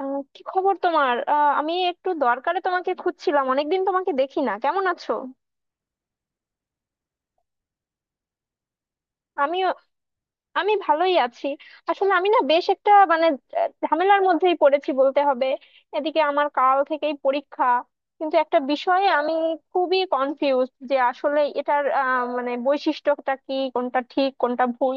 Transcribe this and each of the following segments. কি খবর তোমার? আমি একটু দরকারে তোমাকে খুঁজছিলাম। অনেকদিন তোমাকে দেখি না, কেমন আছো? আমি আমি ভালোই আছি। আসলে আমি না বেশ একটা মানে ঝামেলার মধ্যেই পড়েছি বলতে হবে। এদিকে আমার কাল থেকেই পরীক্ষা, কিন্তু একটা বিষয়ে আমি খুবই কনফিউজ যে আসলে এটার মানে বৈশিষ্ট্যটা কি, কোনটা ঠিক, কোনটা ভুল।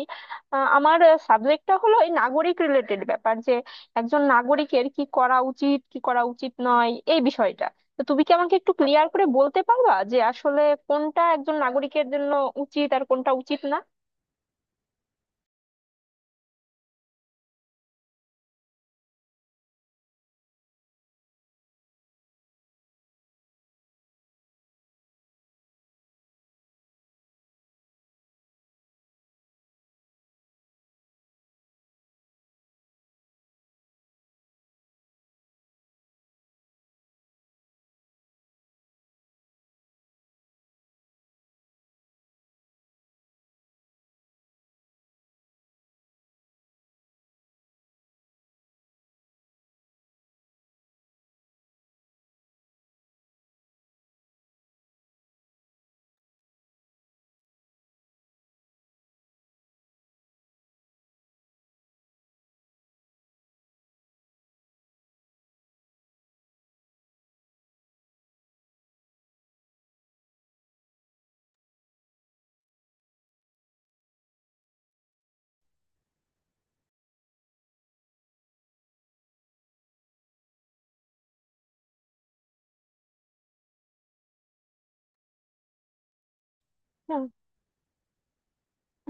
আমার সাবজেক্টটা হলো এই নাগরিক রিলেটেড ব্যাপার, যে একজন নাগরিকের কি করা উচিত, কি করা উচিত নয়, এই বিষয়টা। তো তুমি কি আমাকে একটু ক্লিয়ার করে বলতে পারবা যে আসলে কোনটা একজন নাগরিকের জন্য উচিত আর কোনটা উচিত না?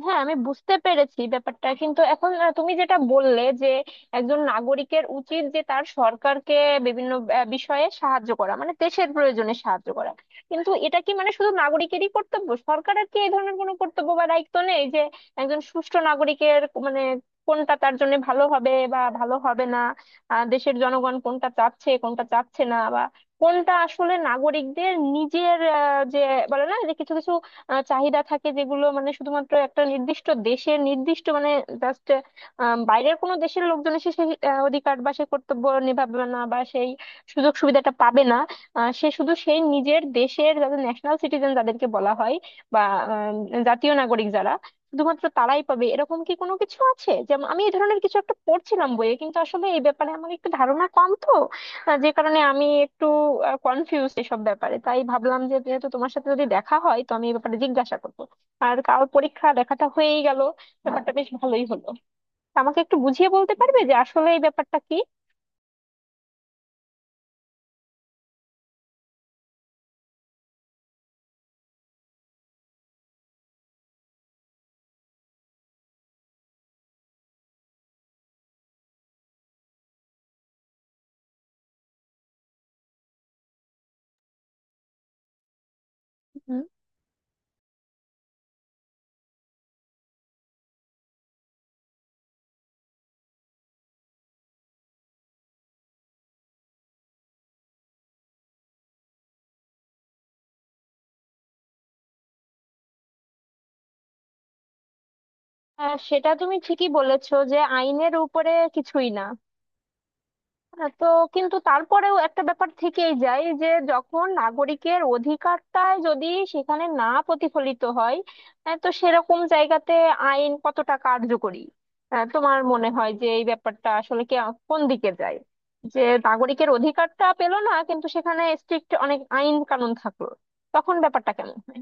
হ্যাঁ, আমি বুঝতে পেরেছি ব্যাপারটা, কিন্তু এখন তুমি যেটা বললে যে একজন নাগরিকের উচিত যে তার সরকারকে বিভিন্ন বিষয়ে সাহায্য করা, মানে দেশের প্রয়োজনে সাহায্য করা। কিন্তু এটা কি মানে শুধু নাগরিকেরই কর্তব্য? সরকারের কি এই ধরনের কোনো কর্তব্য বা দায়িত্ব নেই যে একজন সুষ্ঠু নাগরিকের মানে কোনটা তার জন্য ভালো হবে বা ভালো হবে না, দেশের জনগণ কোনটা চাচ্ছে, কোনটা চাচ্ছে না, বা কোনটা আসলে নাগরিকদের নিজের যে বলে না যে কিছু কিছু চাহিদা থাকে, যেগুলো মানে শুধুমাত্র একটা নির্দিষ্ট দেশের নির্দিষ্ট মানে জাস্ট বাইরের কোনো দেশের লোকজন এসে সেই অধিকার বা সেই কর্তব্য নিভাবে না বা সেই সুযোগ সুবিধাটা পাবে না। সে শুধু সেই নিজের দেশের, যাদের ন্যাশনাল সিটিজেন যাদেরকে বলা হয়, বা জাতীয় নাগরিক, যারা শুধুমাত্র তারাই পাবে, এরকম কি কোনো কিছু আছে? যেমন আমি এই ধরনের কিছু একটা পড়ছিলাম বইয়ে, কিন্তু আসলে এই ব্যাপারে আমার একটু ধারণা কম তো। হ্যাঁ, যে কারণে আমি একটু কনফিউজ এসব ব্যাপারে, তাই ভাবলাম যে যেহেতু তোমার সাথে যদি দেখা হয় তো আমি এই ব্যাপারে জিজ্ঞাসা করবো। আর কাল পরীক্ষা, দেখাটা হয়েই গেল, ব্যাপারটা বেশ ভালোই হলো। আমাকে একটু বুঝিয়ে বলতে পারবে যে আসলে এই ব্যাপারটা কি? হুম। সেটা তুমি ঠিকই বলেছো যে আইনের উপরে কিছুই না। হ্যাঁ, তো কিন্তু তারপরেও একটা ব্যাপার থেকেই যায় যে যখন নাগরিকের অধিকারটাই যদি সেখানে না প্রতিফলিত হয়, তো সেরকম জায়গাতে আইন কতটা কার্যকরী? তোমার মনে হয় যে এই ব্যাপারটা আসলে কে কোন দিকে যায়, যে নাগরিকের অধিকারটা পেলো না কিন্তু সেখানে স্ট্রিক্ট অনেক আইন কানুন থাকলো, তখন ব্যাপারটা কেমন হয়?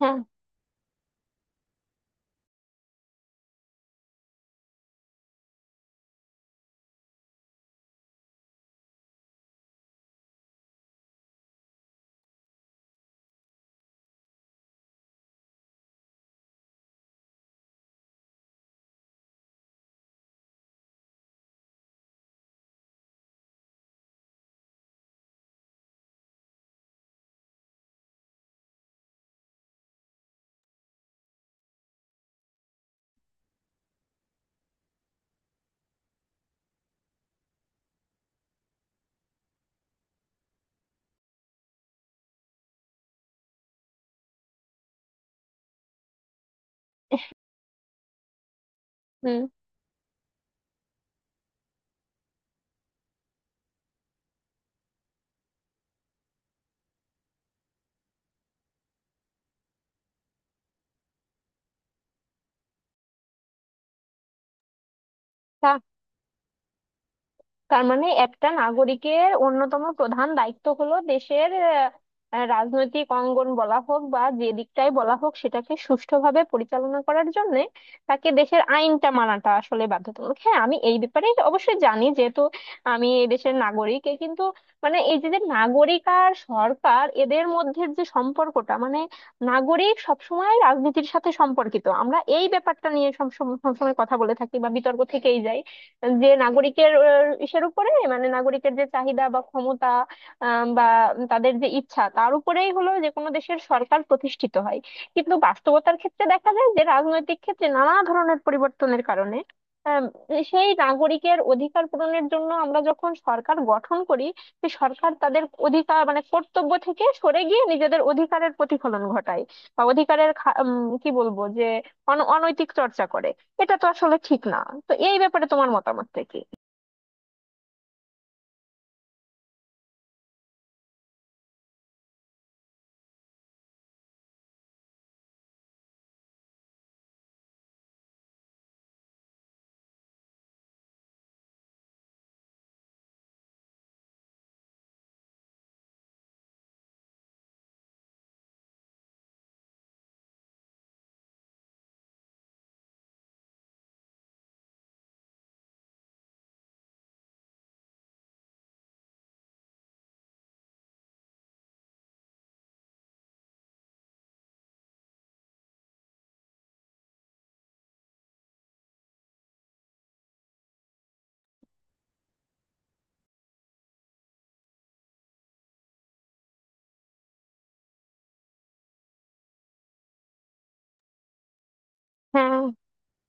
হ্যাঁ। হুম। তা, তার মানে একটা নাগরিকের অন্যতম প্রধান দায়িত্ব হলো দেশের রাজনৈতিক অঙ্গন বলা হোক বা যে দিকটাই বলা হোক, সেটাকে সুষ্ঠুভাবে পরিচালনা করার জন্য তাকে দেশের আইনটা মানাটা আসলে বাধ্যতামূলক। হ্যাঁ, আমি এই ব্যাপারে অবশ্যই জানি যেহেতু আমি এই দেশের নাগরিক। এ কিন্তু মানে এই যে যে নাগরিক আর সরকার, এদের মধ্যে যে সম্পর্কটা মানে নাগরিক সবসময় রাজনীতির সাথে সম্পর্কিত, আমরা এই ব্যাপারটা নিয়ে সব সব- সবসময় কথা বলে থাকি বা বিতর্ক থেকেই যায়, যে নাগরিকের ইসের উপরে মানে নাগরিকের যে চাহিদা বা ক্ষমতা, বা তাদের যে ইচ্ছা, তার উপরেই হলো যে কোনো দেশের সরকার প্রতিষ্ঠিত হয়। কিন্তু বাস্তবতার ক্ষেত্রে দেখা যায় যে রাজনৈতিক ক্ষেত্রে নানা ধরনের পরিবর্তনের কারণে আম, সেই নাগরিকের অধিকার পূরণের জন্য আমরা যখন সরকার গঠন করি, সে সরকার তাদের অধিকার মানে কর্তব্য থেকে সরে গিয়ে নিজেদের অধিকারের প্রতিফলন ঘটায় বা অধিকারের কি বলবো, যে অনৈতিক চর্চা করে। এটা তো আসলে ঠিক না। তো এই ব্যাপারে তোমার মতামতটা কি? হ্যাঁ,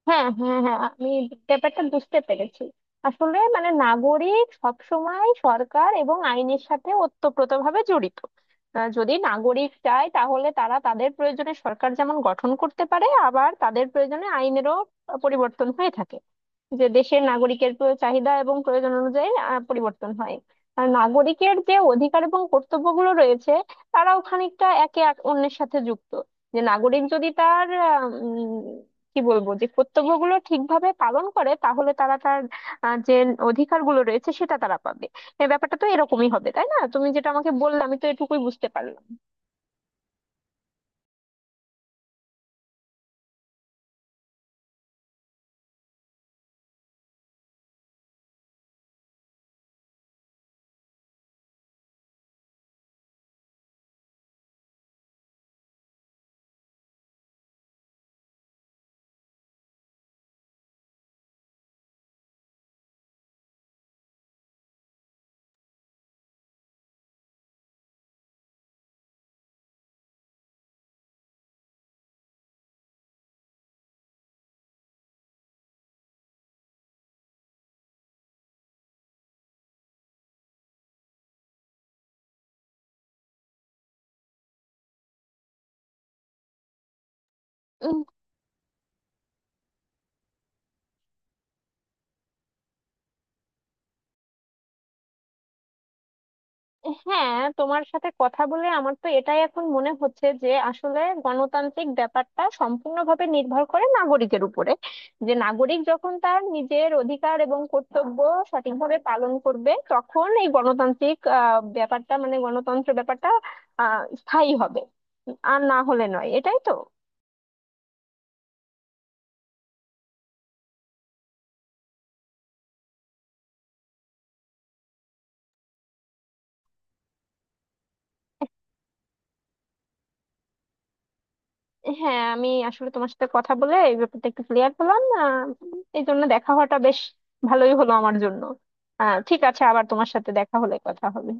হ্যাঁ, হ্যাঁ, হ্যাঁ, আমি ব্যাপারটা বুঝতে পেরেছি। আসলে মানে নাগরিক সবসময় সরকার এবং আইনের সাথে ওতপ্রোতভাবে জড়িত। যদি নাগরিক চায় তাহলে তারা তাদের প্রয়োজনে সরকার যেমন গঠন করতে পারে, আবার তাদের প্রয়োজনে আইনেরও পরিবর্তন হয়ে থাকে, যে দেশের নাগরিকের চাহিদা এবং প্রয়োজন অনুযায়ী পরিবর্তন হয়। আর নাগরিকের যে অধিকার এবং কর্তব্যগুলো রয়েছে, তারাও খানিকটা একে অন্যের সাথে যুক্ত। যে নাগরিক যদি তার কি বলবো, যে কর্তব্যগুলো ঠিকভাবে পালন করে তাহলে তারা তার যে অধিকারগুলো রয়েছে সেটা তারা পাবে। এই ব্যাপারটা তো এরকমই হবে, তাই না? তুমি যেটা আমাকে বললে আমি তো এটুকুই বুঝতে পারলাম। হ্যাঁ, তোমার সাথে কথা বলে আমার তো এটাই এখন মনে হচ্ছে যে আসলে গণতান্ত্রিক ব্যাপারটা সম্পূর্ণভাবে নির্ভর করে নাগরিকের উপরে। যে নাগরিক যখন তার নিজের অধিকার এবং কর্তব্য সঠিকভাবে পালন করবে, তখন এই গণতান্ত্রিক ব্যাপারটা মানে গণতন্ত্র ব্যাপারটা স্থায়ী হবে, আর না হলে নয়। এটাই তো। হ্যাঁ, আমি আসলে তোমার সাথে কথা বলে এই ব্যাপারটা একটু ক্লিয়ার হলাম। এই জন্য দেখা হওয়াটা বেশ ভালোই হলো আমার জন্য। ঠিক আছে, আবার তোমার সাথে দেখা হলে কথা হবে।